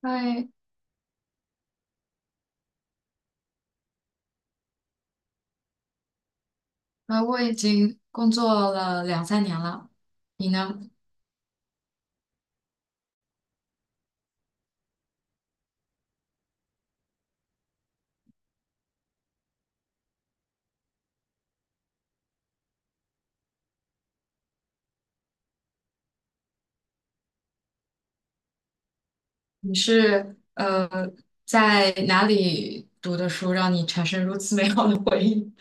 嗨，我已经工作了两三年了，你呢？你是在哪里读的书，让你产生如此美好的回忆？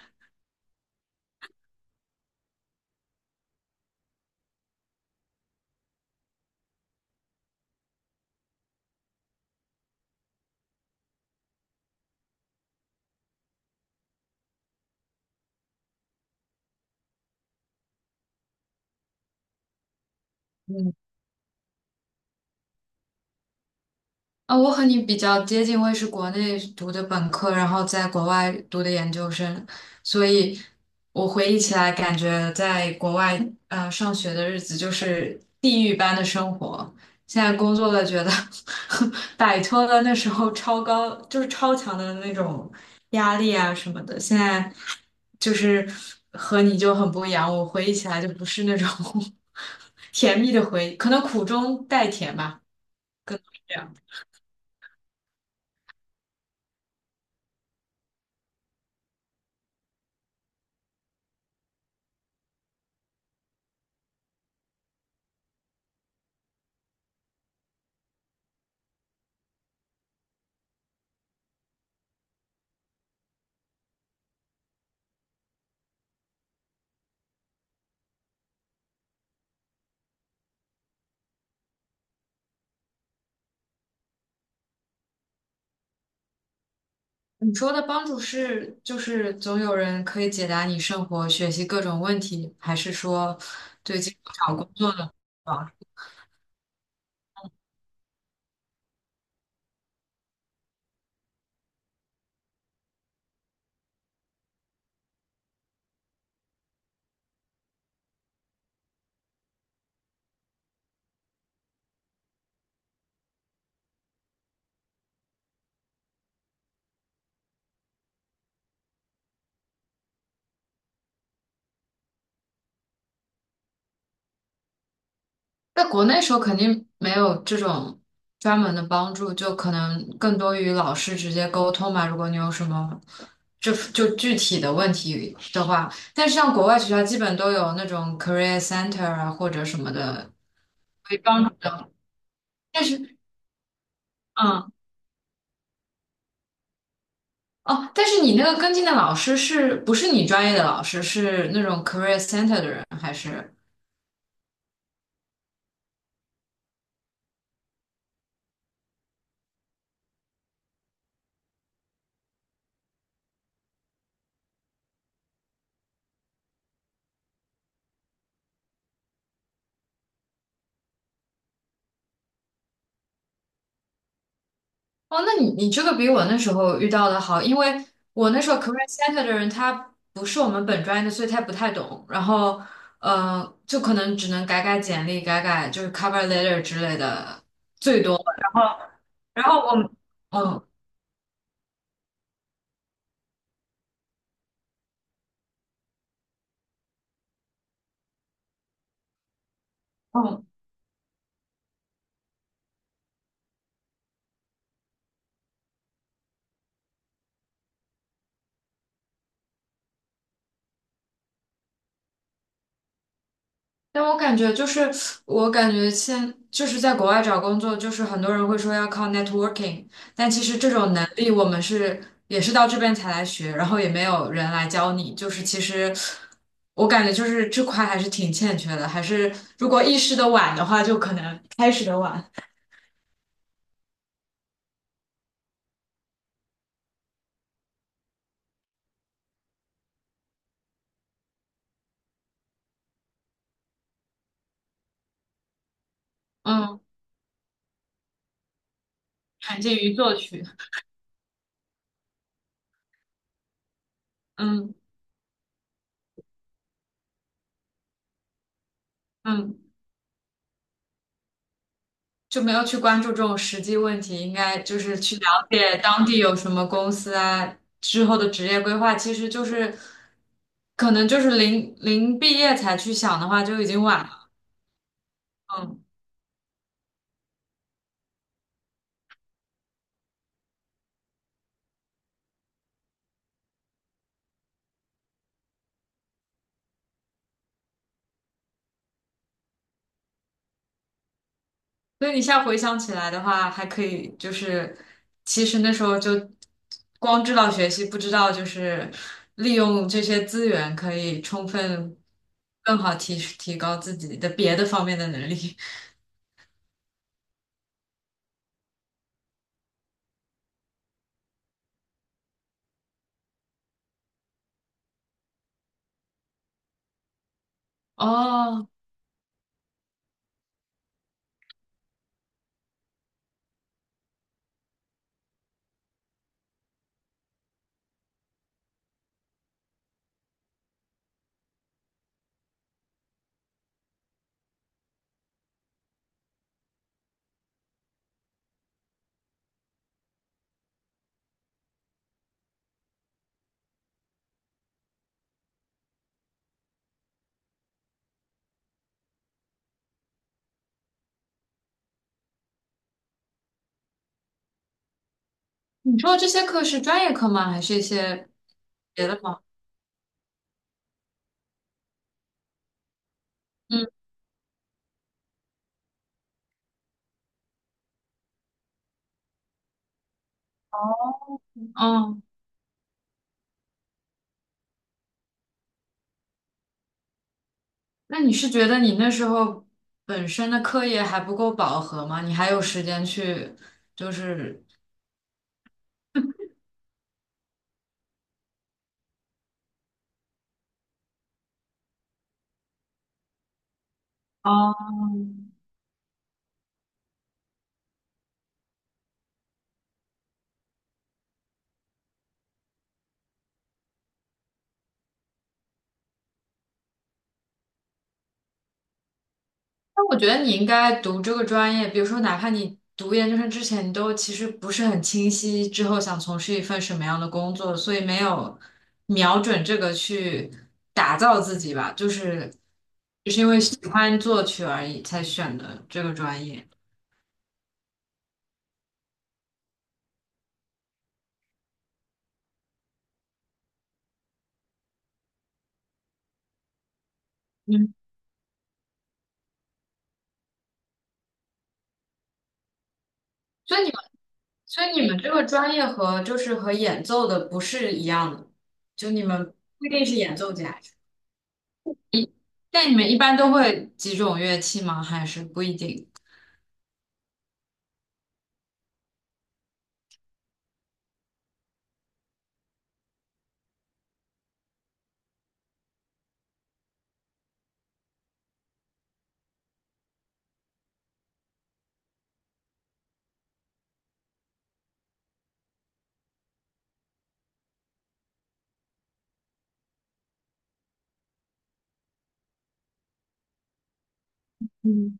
嗯。啊，我和你比较接近，我也是国内读的本科，然后在国外读的研究生，所以我回忆起来，感觉在国外上学的日子就是地狱般的生活。现在工作了，觉得 摆脱了那时候超高，就是超强的那种压力啊什么的。现在就是和你就很不一样，我回忆起来就不是那种 甜蜜的回忆，可能苦中带甜吧。这样你说的帮助是，就是总有人可以解答你生活、学习各种问题，还是说对这个找工作的帮助？在国内时候肯定没有这种专门的帮助，就可能更多与老师直接沟通嘛。如果你有什么就具体的问题的话，但是像国外学校基本都有那种 career center 啊或者什么的可以帮助的，但是。嗯。哦，但是你那个跟进的老师是不是你专业的老师？是那种 career center 的人还是？哦，那你这个比我那时候遇到的好，因为我那时候 career center 的人他不是我们本专业的，所以他不太懂。然后，呃，就可能只能改改简历，改改就是 cover letter 之类的，最多。然后，然后我们，嗯嗯。哦但我感觉就是，我感觉现就是在国外找工作，就是很多人会说要靠 networking,但其实这种能力我们是也是到这边才来学，然后也没有人来教你，就是其实我感觉就是这块还是挺欠缺的，还是如果意识的晚的话，就可能开始的晚，嗯，产生于作曲，嗯嗯。就没有去关注这种实际问题，应该就是去了解当地有什么公司啊，之后的职业规划，其实就是可能就是临毕业才去想的话，就已经晚了。嗯，所以你现在回想起来的话，还可以就是，其实那时候就光知道学习，不知道就是利用这些资源可以充分更好提高自己的别的方面的能力。哦，你说的这些课是专业课吗？还是一些？别的吗？嗯，哦，那你是觉得你那时候本身的课业还不够饱和吗？你还有时间去，就是哦，那我觉得你应该读这个专业，比如说哪怕你读研究生之前，你都其实不是很清晰之后想从事一份什么样的工作，所以没有瞄准这个去打造自己吧，就是就是因为喜欢作曲而已才选的这个专业。嗯。所以你。所以你们这个专业和就是和演奏的不是一样的，就你们不一定是演奏家，但你们一般都会几种乐器吗？还是不一定？嗯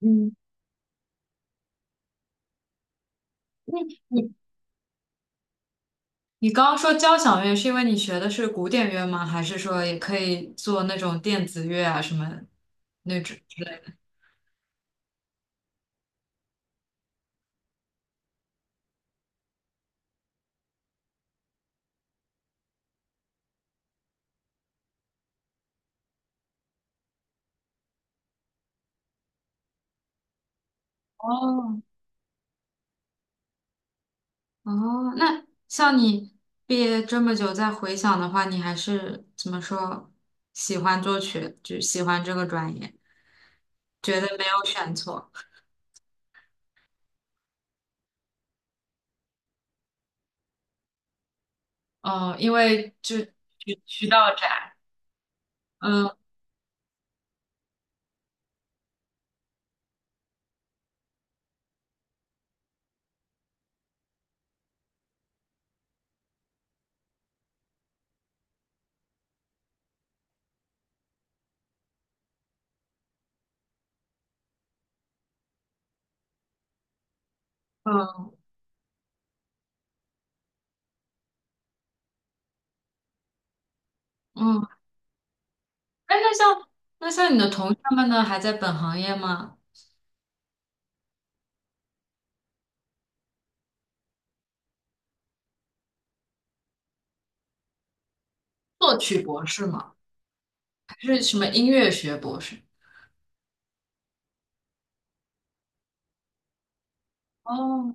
嗯，那你你刚刚说交响乐，是因为你学的是古典乐吗？还是说也可以做那种电子乐啊什么那种？哦哦，那像你毕业这么久再回想的话，你还是怎么说喜欢作曲，就喜欢这个专业，觉得没有选错。嗯，因为就渠道窄，嗯嗯嗯。哎，那像那像你的同学们呢，还在本行业吗？作曲博士吗？还是什么音乐学博士？哦，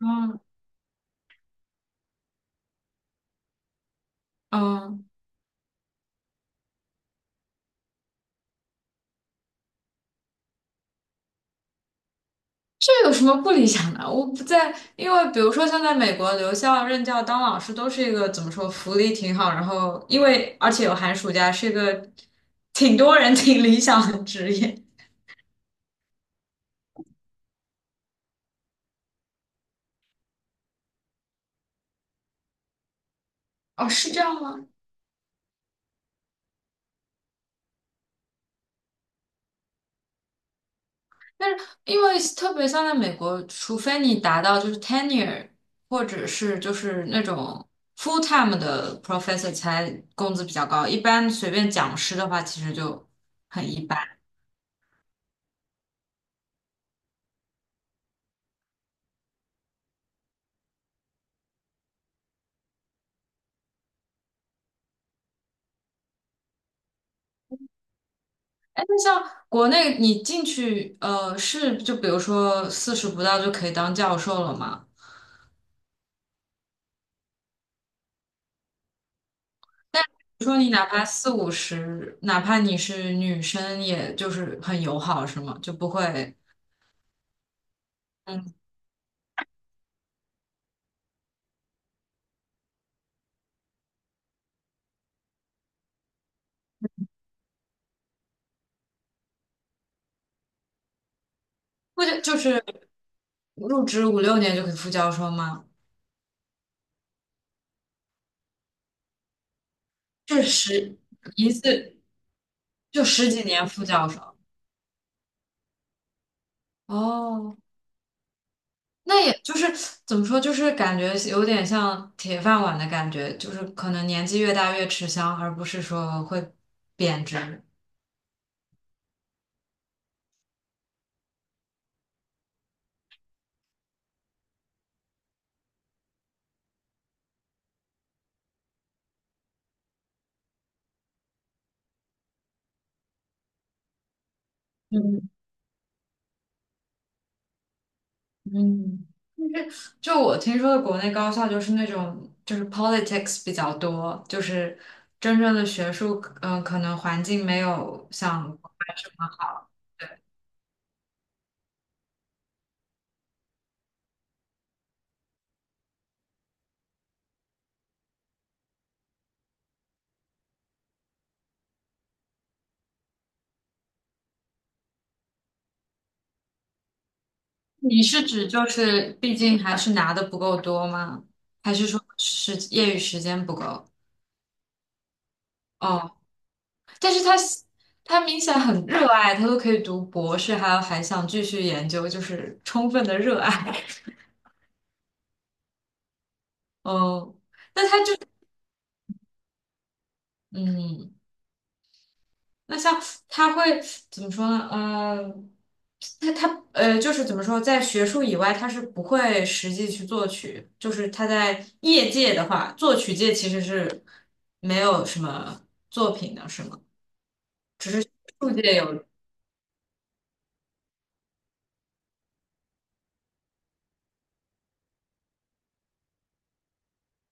嗯嗯，这有什么不理想的？我不在，因为比如说像在美国留校任教当老师都是一个怎么说，福利挺好，然后因为而且有寒暑假，是一个挺多人挺理想的职业。哦，是这样吗？但是因为特别像在美国，除非你达到就是 tenure 或者是就是那种 full time 的 professor 才工资比较高，一般随便讲师的话其实就很一般。哎，那像国内你进去是就比如说四十不到就可以当教授了吗？比如说你哪怕四五十，哪怕你是女生，也就是很友好是吗？就不会嗯，或者就是入职五六年就可以副教授吗？是十一次就十几年副教授哦，那也就是怎么说，就是感觉有点像铁饭碗的感觉，就是可能年纪越大越吃香，而不是说会贬值。嗯嗯，就我听说的国内高校就是那种就是 politics 比较多，就是真正的学术，可能环境没有像国外这么好。你是指就是毕竟还是拿的不够多吗？还是说时业余时间不够？哦，但是他他明显很热爱，他都可以读博士，还有还想继续研究，就是充分的热爱。哦，那他就嗯。那像他会怎么说呢？嗯，他他，就是怎么说，在学术以外，他是不会实际去作曲。就是他在业界的话，作曲界其实是没有什么作品的，是吗？学术界有，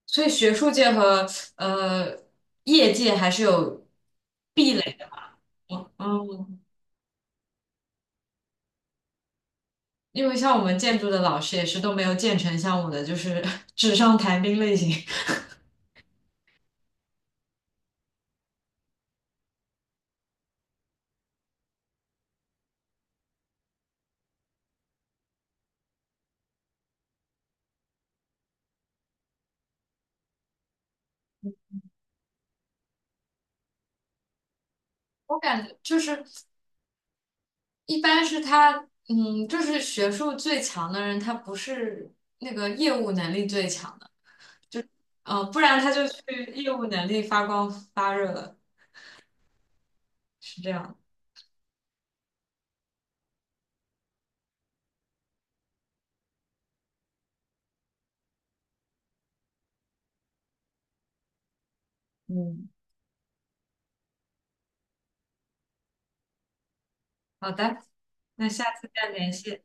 所以学术界和呃业界还是有壁垒的。嗯，因为像我们建筑的老师也是都没有建成像我的，就是 纸上谈兵类型。我感觉就是。一般是他，嗯，就是学术最强的人，他不是那个业务能力最强的，呃，不然他就去业务能力发光发热了，是这样的嗯，好的，那下次再联系。